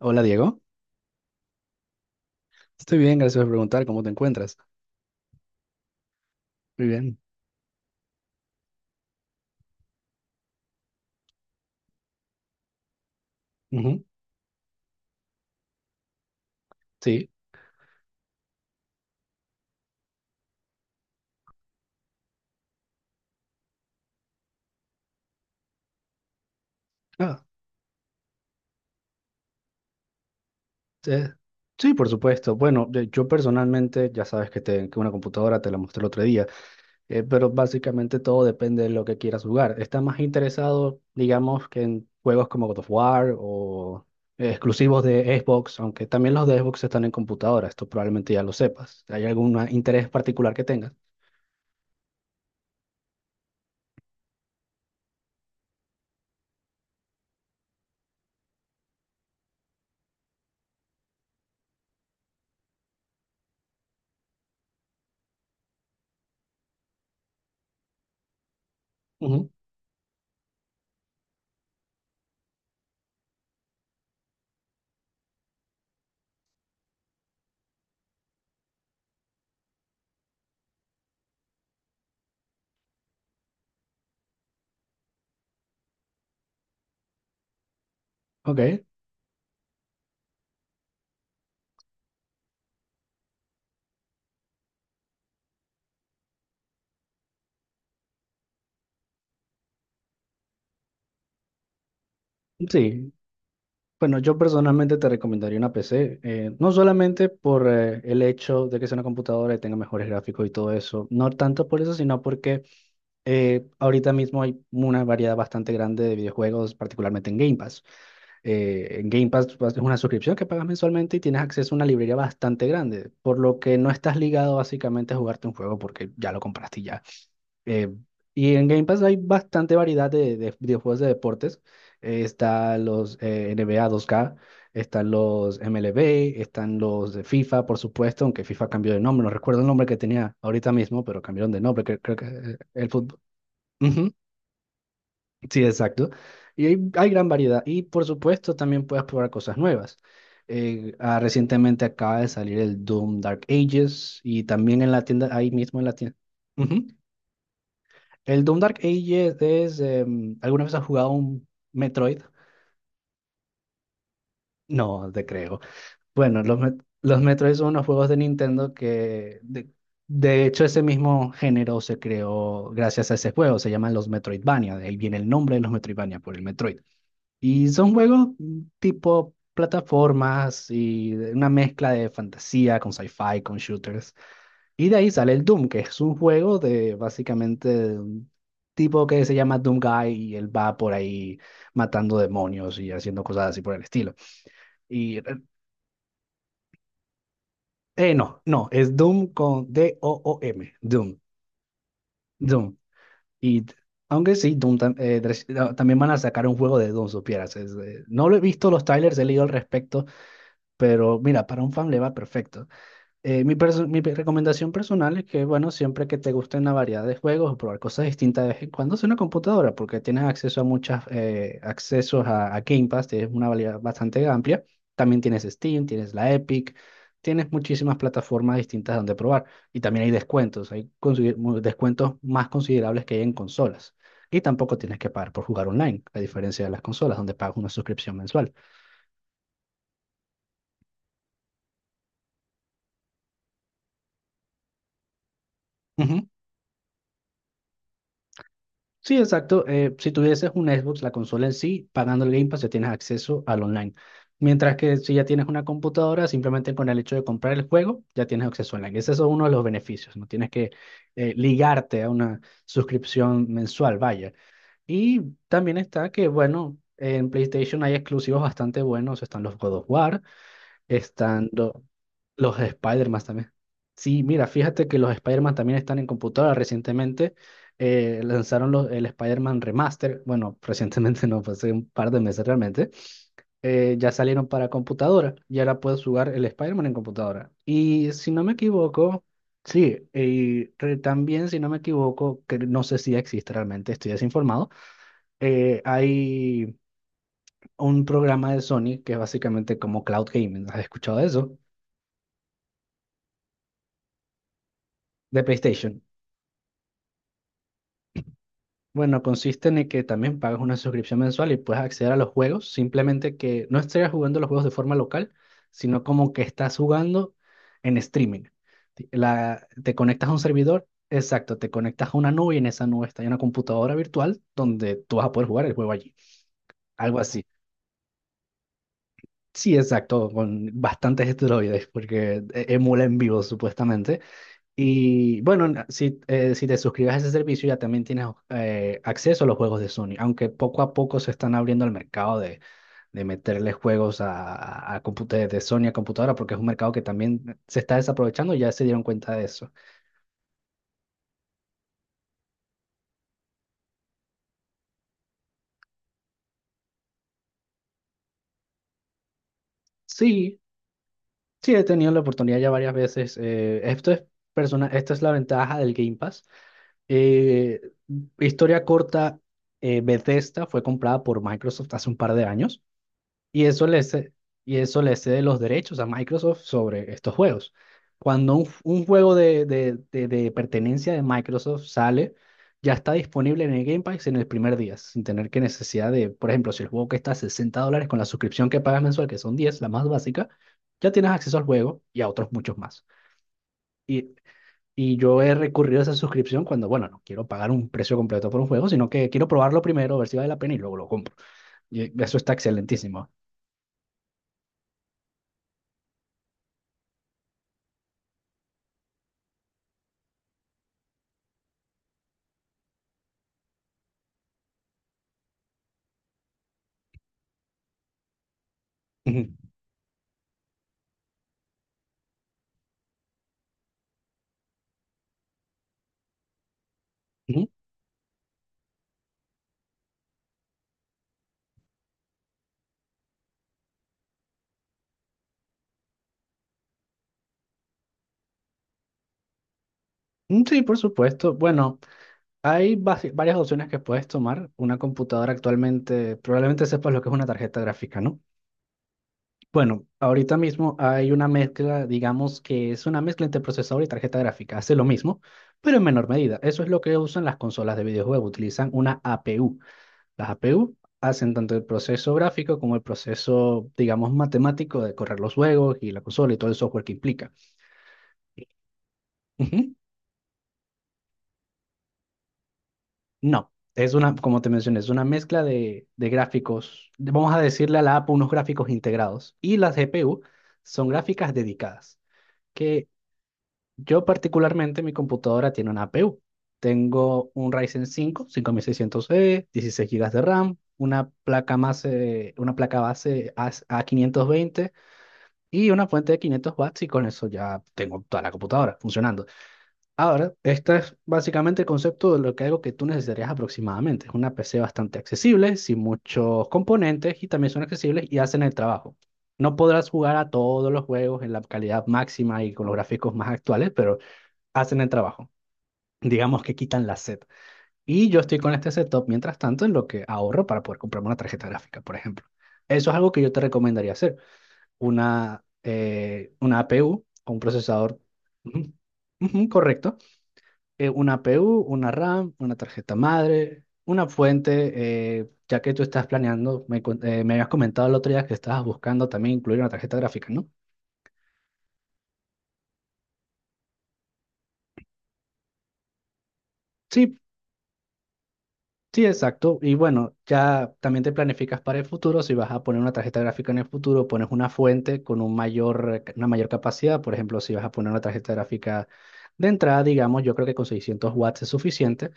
Hola Diego, estoy bien, gracias por preguntar cómo te encuentras. Muy bien. Ujú. Sí. Ah, eh, sí, por supuesto. Bueno, yo personalmente, ya sabes que, que una computadora te la mostré el otro día, pero básicamente todo depende de lo que quieras jugar. ¿Estás más interesado, digamos, que en juegos como God of War o exclusivos de Xbox? Aunque también los de Xbox están en computadora, esto probablemente ya lo sepas. ¿Hay algún interés particular que tengas? Ujú. Ok. Sí. Bueno, yo personalmente te recomendaría una PC, no solamente por el hecho de que sea una computadora y tenga mejores gráficos y todo eso, no tanto por eso, sino porque ahorita mismo hay una variedad bastante grande de videojuegos, particularmente en Game Pass. En Game Pass pues, es una suscripción que pagas mensualmente y tienes acceso a una librería bastante grande, por lo que no estás ligado básicamente a jugarte un juego porque ya lo compraste y ya. Eh, y en Game Pass hay bastante variedad de juegos de deportes. Están los NBA 2K, están los MLB, están los de FIFA, por supuesto, aunque FIFA cambió de nombre. No recuerdo el nombre que tenía ahorita mismo, pero cambiaron de nombre. Creo que el fútbol. Ujú. Sí, exacto. Y hay gran variedad. Y por supuesto, también puedes probar cosas nuevas. Recientemente acaba de salir el Doom Dark Ages y también en la tienda, ahí mismo en la tienda. El Doom Dark Ages es. ¿Alguna vez has jugado un Metroid? No, te creo. Bueno, los Metroid son unos juegos de Nintendo de hecho, ese mismo género se creó gracias a ese juego. Se llaman los Metroidvania. De ahí viene el nombre de los Metroidvania por el Metroid. Y son juegos tipo plataformas y una mezcla de fantasía con sci-fi, con shooters. Y de ahí sale el Doom, que es un juego de básicamente de un tipo que se llama Doom Guy y él va por ahí matando demonios y haciendo cosas así por el estilo. Y no, no, es Doom con D-O-O-M, Doom, Doom. Y t- Aunque sí, no, también van a sacar un juego de Doom, supieras. No lo he visto los trailers, he leído al respecto, pero mira, para un fan le va perfecto. Mi, perso- mi pe- Recomendación personal es que, bueno, siempre que te gusten la variedad de juegos o probar cosas distintas de vez en cuando es una computadora, porque tienes acceso a muchas accesos a Game Pass, tienes una variedad bastante amplia. También tienes Steam, tienes la Epic, tienes muchísimas plataformas distintas donde probar. Y también hay descuentos, descuentos más considerables que hay en consolas. Y tampoco tienes que pagar por jugar online, a diferencia de las consolas, donde pagas una suscripción mensual. Sí, exacto. Si tuvieses un Xbox, la consola en sí, pagando el Game Pass ya tienes acceso al online. Mientras que si ya tienes una computadora, simplemente con el hecho de comprar el juego, ya tienes acceso online. Ese es uno de los beneficios. No tienes que ligarte a una suscripción mensual, vaya. Y también está que, bueno, en PlayStation hay exclusivos bastante buenos. Están los God of War, estando los Spider-Man también. Sí, mira, fíjate que los Spider-Man también están en computadora. Recientemente lanzaron el Spider-Man Remaster. Bueno, recientemente no, fue hace un par de meses realmente. Ya salieron para computadora y ahora puedes jugar el Spider-Man en computadora. Y si no me equivoco, sí, y también si no me equivoco, que no sé si existe realmente, estoy desinformado, hay un programa de Sony que es básicamente como Cloud Gaming. ¿Has escuchado de eso? De PlayStation. Bueno, consiste en el que también pagas una suscripción mensual y puedes acceder a los juegos, simplemente que no estés jugando los juegos de forma local, sino como que estás jugando en streaming. Te conectas a un servidor, exacto, te conectas a una nube y en esa nube está una computadora virtual donde tú vas a poder jugar el juego allí. Algo así. Sí, exacto, con bastantes esteroides, porque emula en vivo supuestamente. Y bueno, si te suscribes a ese servicio ya también tienes acceso a los juegos de Sony, aunque poco a poco se están abriendo el mercado de meterle juegos de Sony a computadora, porque es un mercado que también se está desaprovechando, ya se dieron cuenta de eso. Sí, sí, he tenido la oportunidad ya varias veces. Esta es la ventaja del Game Pass. Eh, Historia corta, Bethesda fue comprada por Microsoft hace un par de años. Y eso le ce- y eso le cede los derechos a Microsoft sobre estos juegos. Cuando un juego de pertenencia de Microsoft sale, ya está disponible en el Game Pass en el primer día, sin tener que necesidad de, por ejemplo, si el juego cuesta $60 con la suscripción que pagas mensual, que son 10 la más básica, ya tienes acceso al juego y a otros muchos más. Y, y yo he recurrido a esa suscripción cuando, bueno, no quiero pagar un precio completo por un juego, sino que quiero probarlo primero, ver si vale la pena y luego lo compro. Y eso está excelentísimo. Ujú. Mm, Sí, por supuesto. Bueno, varias opciones que puedes tomar. Una computadora actualmente, probablemente sepas lo que es una tarjeta gráfica, ¿no? Bueno, ahorita mismo hay una mezcla, digamos que es una mezcla entre procesador y tarjeta gráfica. Hace lo mismo, pero en menor medida. Eso es lo que usan las consolas de videojuegos. Utilizan una APU. Las APU hacen tanto el proceso gráfico como el proceso, digamos, matemático de correr los juegos y la consola y todo el software que implica. Ujú. No, es una, como te mencioné, es una mezcla de gráficos. Vamos a decirle a la APU unos gráficos integrados. Y las GPU son gráficas dedicadas. Que yo particularmente, mi computadora tiene una APU. Tengo un Ryzen 5, 5600 e 16 gigas de RAM, una placa base A520 y una fuente de 500 watts y con eso ya tengo toda la computadora funcionando. Ahora, este es básicamente el concepto de lo que algo que tú necesitarías aproximadamente. Es una PC bastante accesible, sin muchos componentes y también son accesibles y hacen el trabajo. No podrás jugar a todos los juegos en la calidad máxima y con los gráficos más actuales, pero hacen el trabajo. Digamos que quitan la sed. Y yo estoy con este setup mientras tanto en lo que ahorro para poder comprarme una tarjeta gráfica, por ejemplo. Eso es algo que yo te recomendaría hacer. Una APU o un procesador. Ujú, ujú, correcto. Una PU, una RAM, una tarjeta madre, una fuente, ya que tú estás planeando, me habías comentado el otro día que estabas buscando también incluir una tarjeta gráfica, ¿no? Sí, sí, exacto. Y bueno, ya también te planificas para el futuro, si vas a poner una tarjeta gráfica en el futuro, pones una fuente con un mayor, una mayor capacidad, por ejemplo, si vas a poner una tarjeta gráfica de entrada, digamos, yo creo que con 600 watts es suficiente.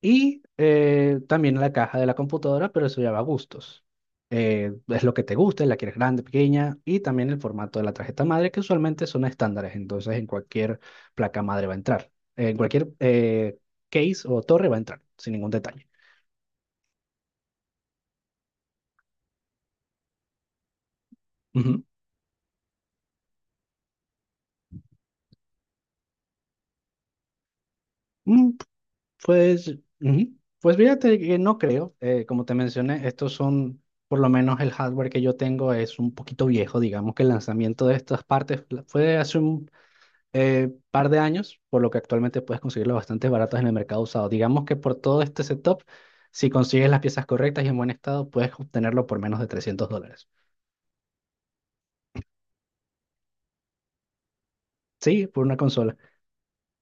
Y también la caja de la computadora, pero eso ya va a gustos. Es lo que te guste, la quieres grande, pequeña, y también el formato de la tarjeta madre, que usualmente son estándares, entonces en cualquier placa madre va a entrar, en cualquier case o torre va a entrar, sin ningún detalle. Ujú. Mm, pues, ujú. Pues fíjate que no creo, como te mencioné, estos son, por lo menos el hardware que yo tengo es un poquito viejo, digamos que el lanzamiento de estas partes fue hace un par de años, por lo que actualmente puedes conseguirlo bastante baratos en el mercado usado. Digamos que por todo este setup, si consigues las piezas correctas y en buen estado, puedes obtenerlo por menos de $300. Sí, por una consola.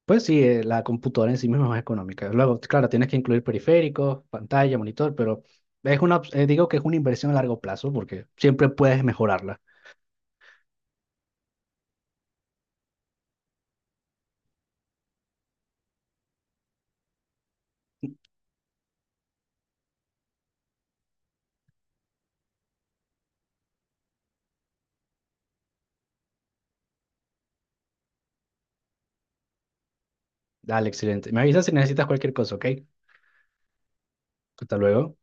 Pues sí, la computadora en sí misma es más económica. Luego, claro, tienes que incluir periféricos, pantalla, monitor, pero es una, digo que es una inversión a largo plazo porque siempre puedes mejorarla. Dale, excelente. Me avisas si necesitas cualquier cosa, ¿ok? Hasta luego.